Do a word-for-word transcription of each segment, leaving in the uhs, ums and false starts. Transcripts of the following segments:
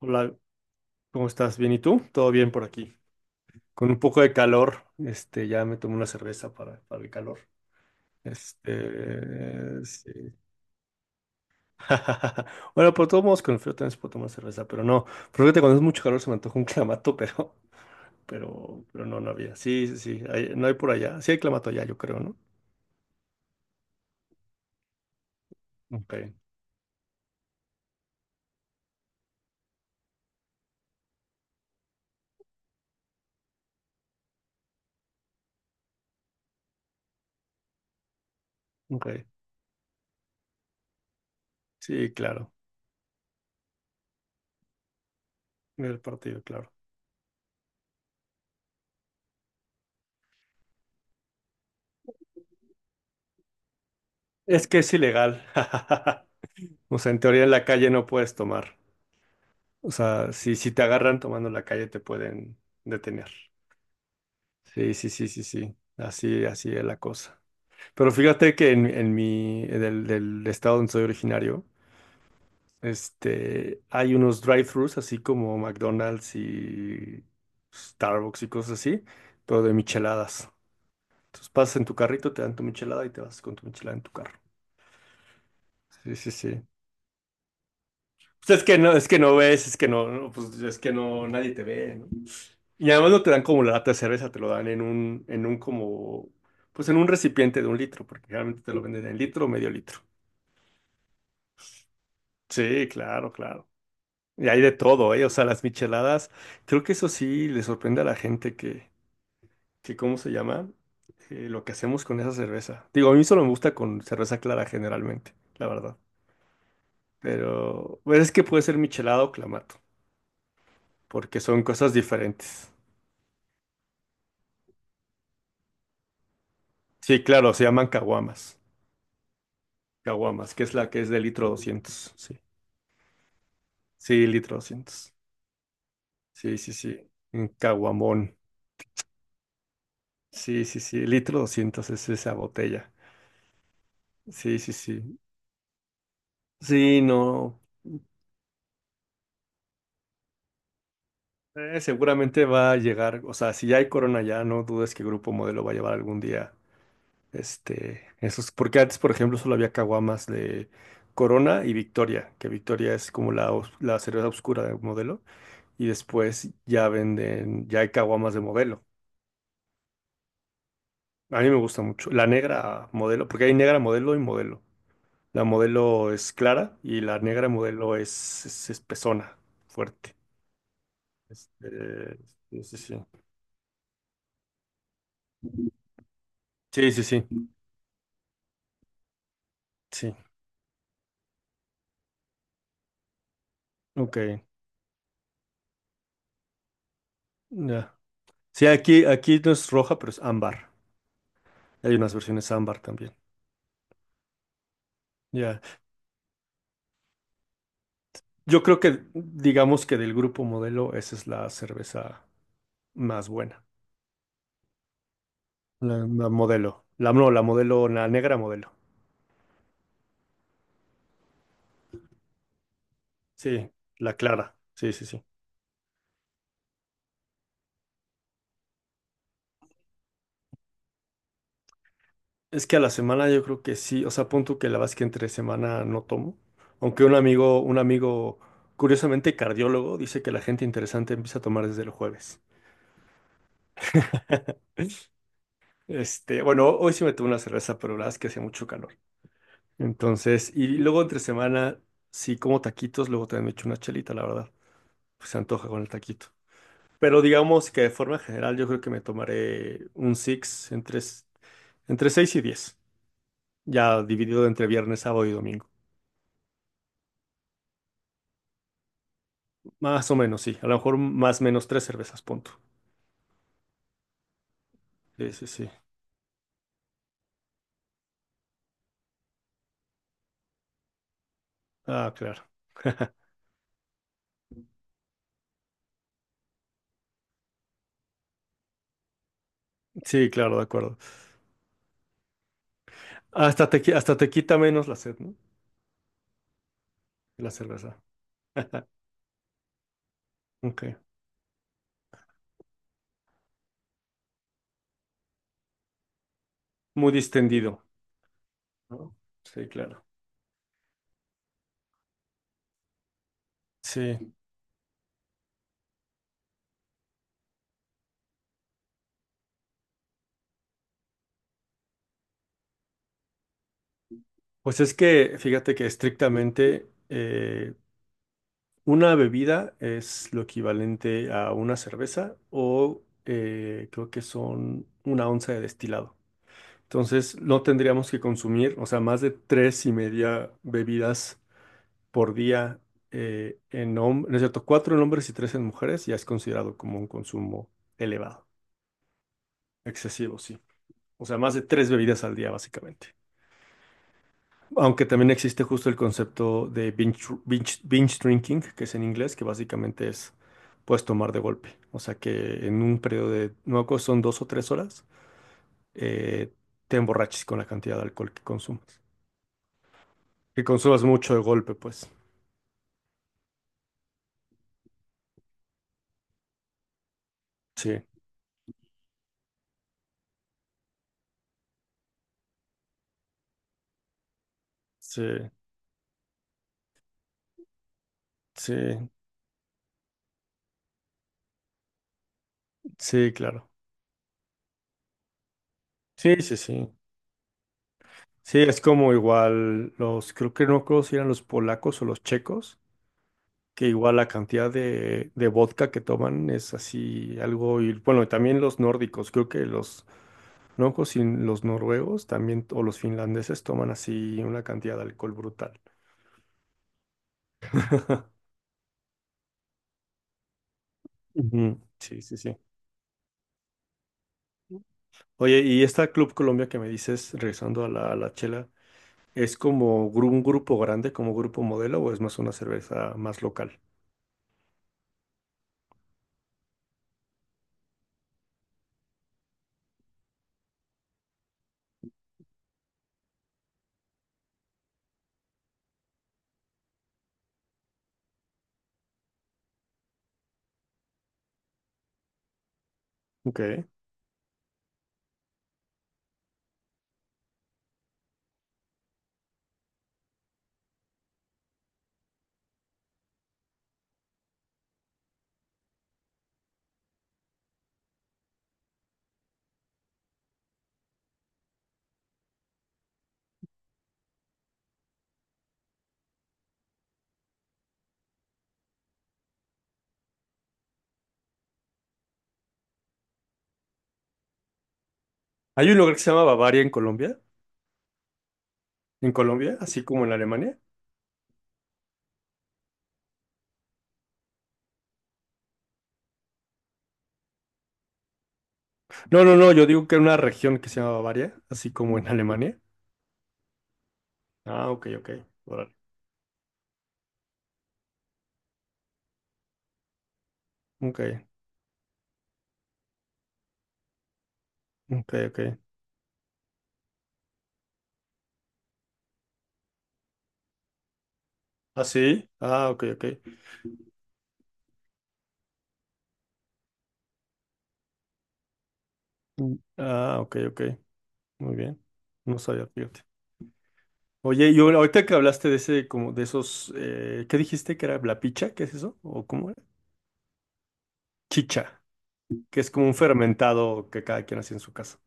Hola, ¿cómo estás? ¿Bien? ¿Y tú? Todo bien por aquí. Con un poco de calor, este, ya me tomé una cerveza para, para el calor. Este, sí. Bueno, por todos modos, con el frío también se puede tomar cerveza, pero no. Fíjate, cuando es mucho calor se me antoja un clamato, pero, pero, pero no, no había. Sí, sí, sí, hay- no hay por allá. Sí hay clamato allá, yo creo, ¿no? Ok, ok. Sí, claro. En El partido, claro. Es que es ilegal. O sea, en teoría en la calle no puedes tomar. O sea, si, si te agarran tomando en la calle, te pueden detener. Sí, sí, sí, sí, sí. Así, así es la cosa. Pero fíjate que en, en mi, del del estado donde soy originario, este, hay unos drive-thrus, así como McDonald's y Starbucks y cosas así, pero de micheladas. Entonces pasas en tu carrito, te dan tu michelada y te vas con tu michelada en tu carro. Sí, sí, sí. Pues es que no, es que no ves, es que no, no, pues es que no, nadie te ve, ¿no? Y además no te dan como la lata de cerveza, te lo dan en un, en un como, pues en un recipiente de un litro, porque generalmente te lo venden en litro o medio litro. Sí, claro, claro. Y hay de todo, ¿eh? O sea, las micheladas, creo que eso sí le sorprende a la gente que, que ¿cómo se llama? Eh, lo que hacemos con esa cerveza. Digo, a mí solo me gusta con cerveza clara generalmente, la verdad. Pero, pues, es que puede ser michelada o clamato, porque son cosas diferentes. Sí, claro, se llaman caguamas. Caguamas, que es la que es de litro doscientos, sí. Sí, litro doscientos. Sí, sí, sí. En Caguamón. Sí, sí, sí. Litro doscientos es esa botella. Sí, sí, sí. Sí, no. Eh, seguramente va a llegar. O sea, si ya hay Corona ya, no dudes que Grupo Modelo va a llevar algún día. Este, esos. Porque antes, por ejemplo, solo había caguamas de Corona y Victoria, que Victoria es como la, os- la cerveza oscura de Modelo. Y después ya venden, ya hay caguamas de Modelo. A mí me gusta mucho. La negra Modelo, porque hay negra Modelo y Modelo. La Modelo es clara y la negra Modelo es, es espesona, fuerte. Este, sí, sí, sí. Sí, sí, sí. Sí, ok. Ya. Sí, aquí, aquí no es roja, pero es ámbar. Hay unas versiones ámbar también. Ya. Yo creo que, digamos que del Grupo Modelo, esa es la cerveza más buena. La, la Modelo. La, no, la Modelo, la negra Modelo. Sí, la clara. Sí, sí, sí. Es que a la semana yo creo que sí, o sea, pon tú que la verdad es que entre semana no tomo, aunque un amigo, un amigo, curiosamente cardiólogo, dice que la gente interesante empieza a tomar desde el jueves. Este, bueno, hoy sí me tomé una cerveza, pero la verdad es que hace mucho calor. Entonces, y luego entre semana, sí como taquitos, luego también me echo una chelita, la verdad, pues se antoja con el taquito. Pero digamos que de forma general yo creo que me tomaré un six entre, entre seis y diez, ya dividido entre viernes, sábado y domingo. Más o menos, sí. A lo mejor más menos tres cervezas, punto. Sí, sí, sí. Ah, claro. Sí, claro, de acuerdo. Hasta te, qui- hasta te quita menos la sed, ¿no? La cerveza. Ok. Muy distendido, ¿no? Sí, claro. Sí. Pues es que, fíjate que estrictamente eh, una bebida es lo equivalente a una cerveza o eh, creo que son una onza de destilado. Entonces, no tendríamos que consumir, o sea, más de tres y media bebidas por día eh, en hombres, no es cierto, cuatro en hombres y tres en mujeres ya es considerado como un consumo elevado, excesivo, sí. O sea, más de tres bebidas al día, básicamente. Aunque también existe justo el concepto de binge, binge- binge drinking, que es en inglés, que básicamente es, puedes tomar de golpe. O sea, que en un periodo de, no me acuerdo, si son dos o tres horas, eh, te emborraches con la cantidad de alcohol que consumas. Que consumas mucho de golpe, pues. Sí, sí, sí, sí, claro. Sí, sí, sí. Sí, es como igual los, creo que no me acuerdo si eran los polacos o los checos, que igual la cantidad de, de vodka que toman es así algo, y bueno, y también los nórdicos, creo que los, no me acuerdo si los noruegos también, o los finlandeses toman así una cantidad de alcohol brutal. Ujú. Sí, sí, sí. Oye, y esta Club Colombia que me dices, regresando a la, a la chela, ¿es como gru- un grupo grande, como Grupo Modelo, o es más una cerveza más local? Ok. Hay un lugar que se llama Bavaria en Colombia. ¿En Colombia? ¿Así como en Alemania? No, no, no, yo digo que era una región que se llama Bavaria, así como en Alemania. Ah, ok, ok, órale. Ok, ok, ok. ¿Ah, sí? Ah, ok, ok. Mm. Ah, ok, ok. Muy bien. No sabía, fíjate. Oye, y ahor- ahorita que hablaste de ese, como de esos, eh, ¿qué dijiste que era la picha? ¿Qué es eso? ¿O cómo era? Chicha, que es como un fermentado que cada quien hace en su casa.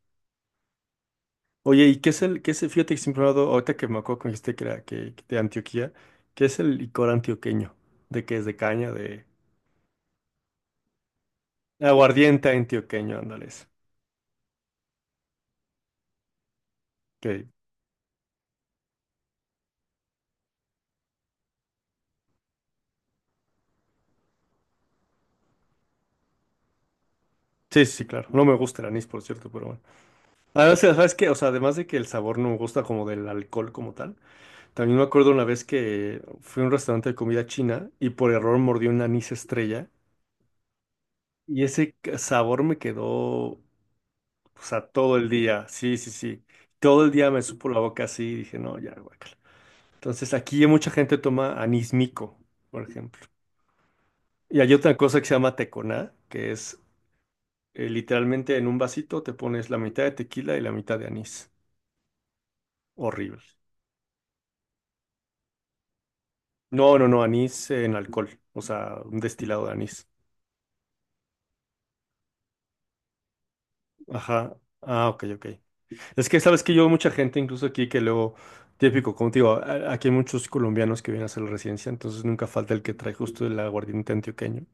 Oye, ¿y qué es el, qué es el, fíjate que siempre he hablado, ahorita que me acuerdo que me dijiste que era que, que de Antioquía, qué es el licor antioqueño? ¿De qué es? ¿De caña? ¿De aguardiente antioqueño? Ándale, ese. Que, sí, sí, sí, claro. No me gusta el anís, por cierto, pero bueno. Además, ¿sabes qué? O sea, además de que el sabor no me gusta como del alcohol como tal, también me acuerdo una vez que fui a un restaurante de comida china y por error mordí un anís estrella y ese c- sabor me quedó, o sea, todo el día. Sí, sí, sí. Todo el día me supo la boca así y dije, no, ya, guacala. Entonces aquí mucha gente toma anís Mico, por ejemplo. Y hay otra cosa que se llama teconá, que es eh, literalmente en un vasito te pones la mitad de tequila y la mitad de anís. Horrible. No, no, no, anís en alcohol, o sea, un destilado de anís. Ajá. Ah, ok, ok. Es que sabes que yo mucha gente, incluso aquí, que luego, típico como contigo, a- aquí hay muchos colombianos que vienen a hacer la residencia, entonces nunca falta el que trae justo el aguardiente antioqueño.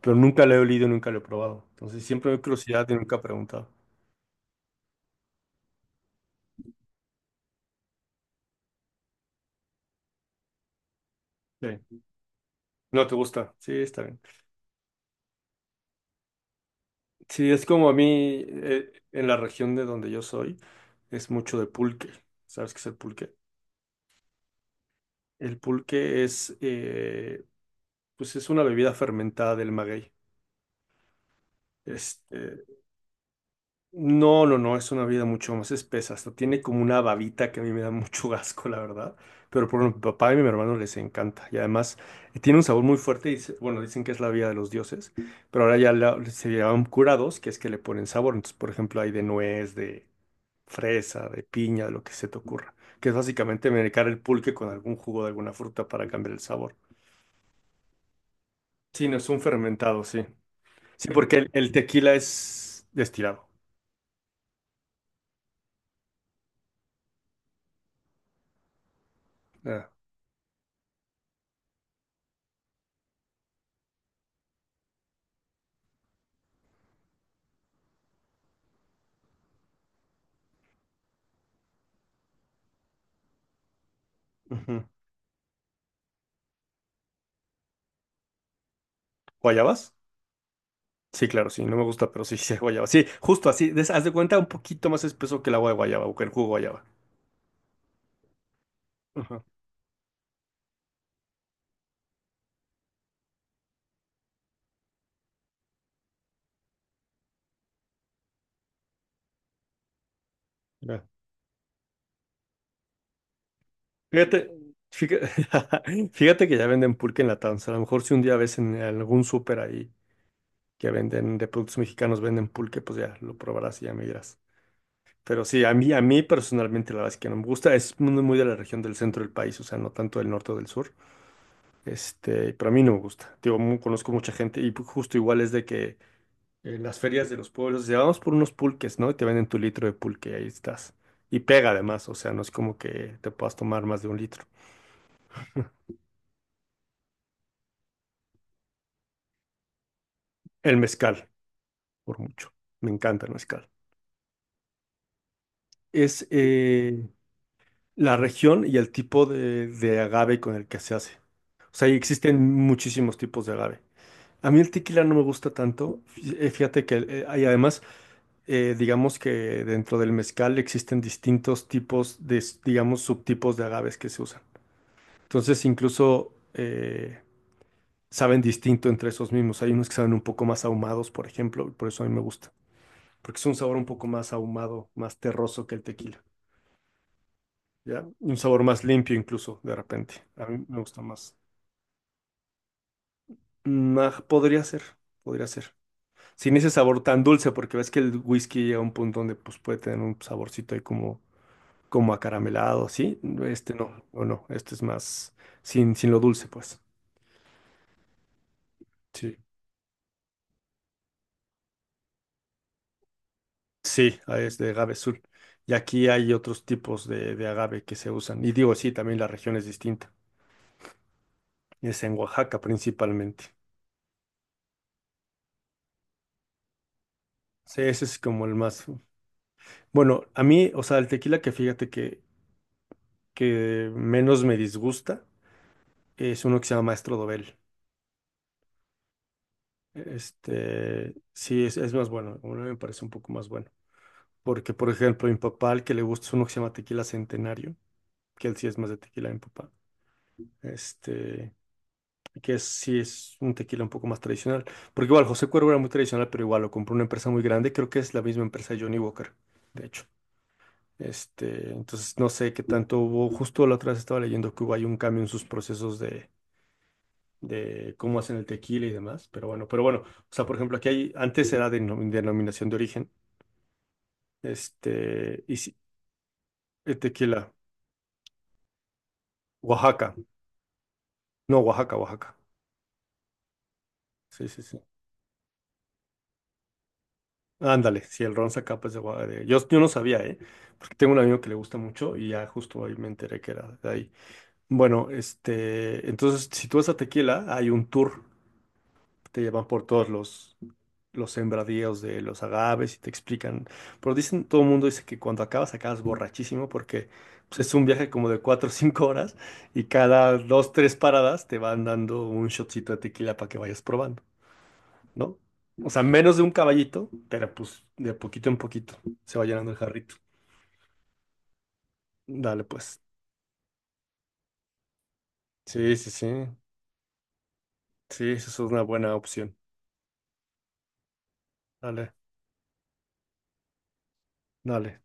Pero nunca lo he olido, nunca lo he probado. Entonces siempre me da curiosidad y nunca he preguntado. Sí. No te gusta. Sí, está bien. Sí, es como a mí, eh, en la región de donde yo soy, es mucho de pulque. ¿Sabes qué es el pulque? El pulque es, eh, pues es una bebida fermentada del maguey. Este, no, no, no, es una bebida mucho más espesa. Hasta tiene como una babita que a mí me da mucho asco, la verdad. Pero por ejemplo, mi papá y mi hermano les encanta. Y además eh, tiene un sabor muy fuerte. Y, se- bueno, dicen que es la bebida de los dioses. Pero ahora ya la- se llaman curados, que es que le ponen sabor. Entonces, por ejemplo, hay de nuez, de fresa, de piña, de lo que se te ocurra, que es básicamente medicar el pulque con algún jugo de alguna fruta para cambiar el sabor. Sí, no es un fermentado, sí. Sí, porque el, el tequila es destilado. Ah, ujú. ¿Guayabas? Sí, claro, sí, no me gusta, pero sí, sí, hay guayaba. Sí, justo así, des- haz de cuenta un poquito más espeso que el agua de guayaba o que el jugo de guayaba. Ajá, ya. Fíjate, fíjate, fíjate que ya venden pulque en la tanza. A lo mejor si un día ves en algún súper ahí que venden de productos mexicanos, venden pulque, pues ya lo probarás y ya me dirás. Pero sí, a mí, a mí personalmente la verdad es que no me gusta. Es muy muy de la región del centro del país, o sea, no tanto del norte o del sur. Este, pero a mí no me gusta. Digo, mu- conozco mucha gente y pu- justo igual es de que en las ferias de los pueblos, ya vamos por unos pulques, ¿no? Y te venden tu litro de pulque y ahí estás. Y pega además, o sea, no es como que te puedas tomar más de un litro. El mezcal, por mucho. Me encanta el mezcal. Es eh, la región y el tipo de, de agave con el que se hace. O sea, y existen muchísimos tipos de agave. A mí el tequila no me gusta tanto. Fí- eh, Fíjate que eh, hay además, eh, digamos que dentro del mezcal existen distintos tipos de, s- digamos, subtipos de agaves que se usan. Entonces, incluso eh, saben distinto entre esos mismos. Hay unos que saben un poco más ahumados, por ejemplo, y por eso a mí me gusta. Porque es un sabor un poco más ahumado, más terroso que el tequila, ¿ya? Un sabor más limpio incluso, de repente. A mí me gusta más. Mm, ah, podría ser, podría ser. Sin ese sabor tan dulce, porque ves que el whisky llega a un punto donde pues, puede tener un saborcito ahí como, como acaramelado, ¿sí? Este no, o no, este es más sin, sin lo dulce, pues. Sí. Sí, ah, es de agave azul. Y aquí hay otros tipos de, de agave que se usan. Y digo, sí, también la región es distinta. Es en Oaxaca principalmente. Sí, ese es como el más. Bueno, a mí, o sea, el tequila que fíjate que, que menos me disgusta es uno que se llama Maestro Dobel. Este, sí, es, es más bueno. A mí me parece un poco más bueno. Porque, por ejemplo, mi papá, al que le gusta es uno que se llama Tequila Centenario, que él sí es más de tequila de mi papá. Este, que es, sí es un tequila un poco más tradicional. Porque igual José Cuervo era muy tradicional, pero igual lo compró una empresa muy grande. Creo que es la misma empresa de Johnny Walker, de hecho. Este, entonces no sé qué tanto hubo. Justo la otra vez estaba leyendo que hubo ahí un cambio en sus procesos de, de cómo hacen el tequila y demás. Pero bueno, pero bueno. O sea, por ejemplo, aquí hay, antes era de denominación de origen. Este, y sí, eh, tequila, Oaxaca. No, Oaxaca, Oaxaca. Sí, sí, sí. Ándale, si el ron Zacapa es de Oaxaca. Yo, yo no sabía, ¿eh? Porque tengo un amigo que le gusta mucho y ya justo ahí me enteré que era de ahí. Bueno, este, entonces, si tú vas a Tequila, hay un tour, te llevan por todos los, los sembradíos de los agaves y te explican. Pero dicen, todo el mundo dice que cuando acabas, acabas borrachísimo porque pues, es un viaje como de cuatro o cinco horas y cada dos tres paradas te van dando un shotcito de tequila para que vayas probando, ¿no? O sea, menos de un caballito, pero pues de poquito en poquito se va llenando el jarrito. Dale, pues. Sí, sí, sí. Sí, esa es una buena opción. Dale, dale.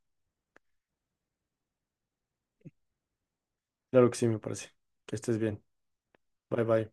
Claro que sí, me parece. Que estés bien. Bye, bye.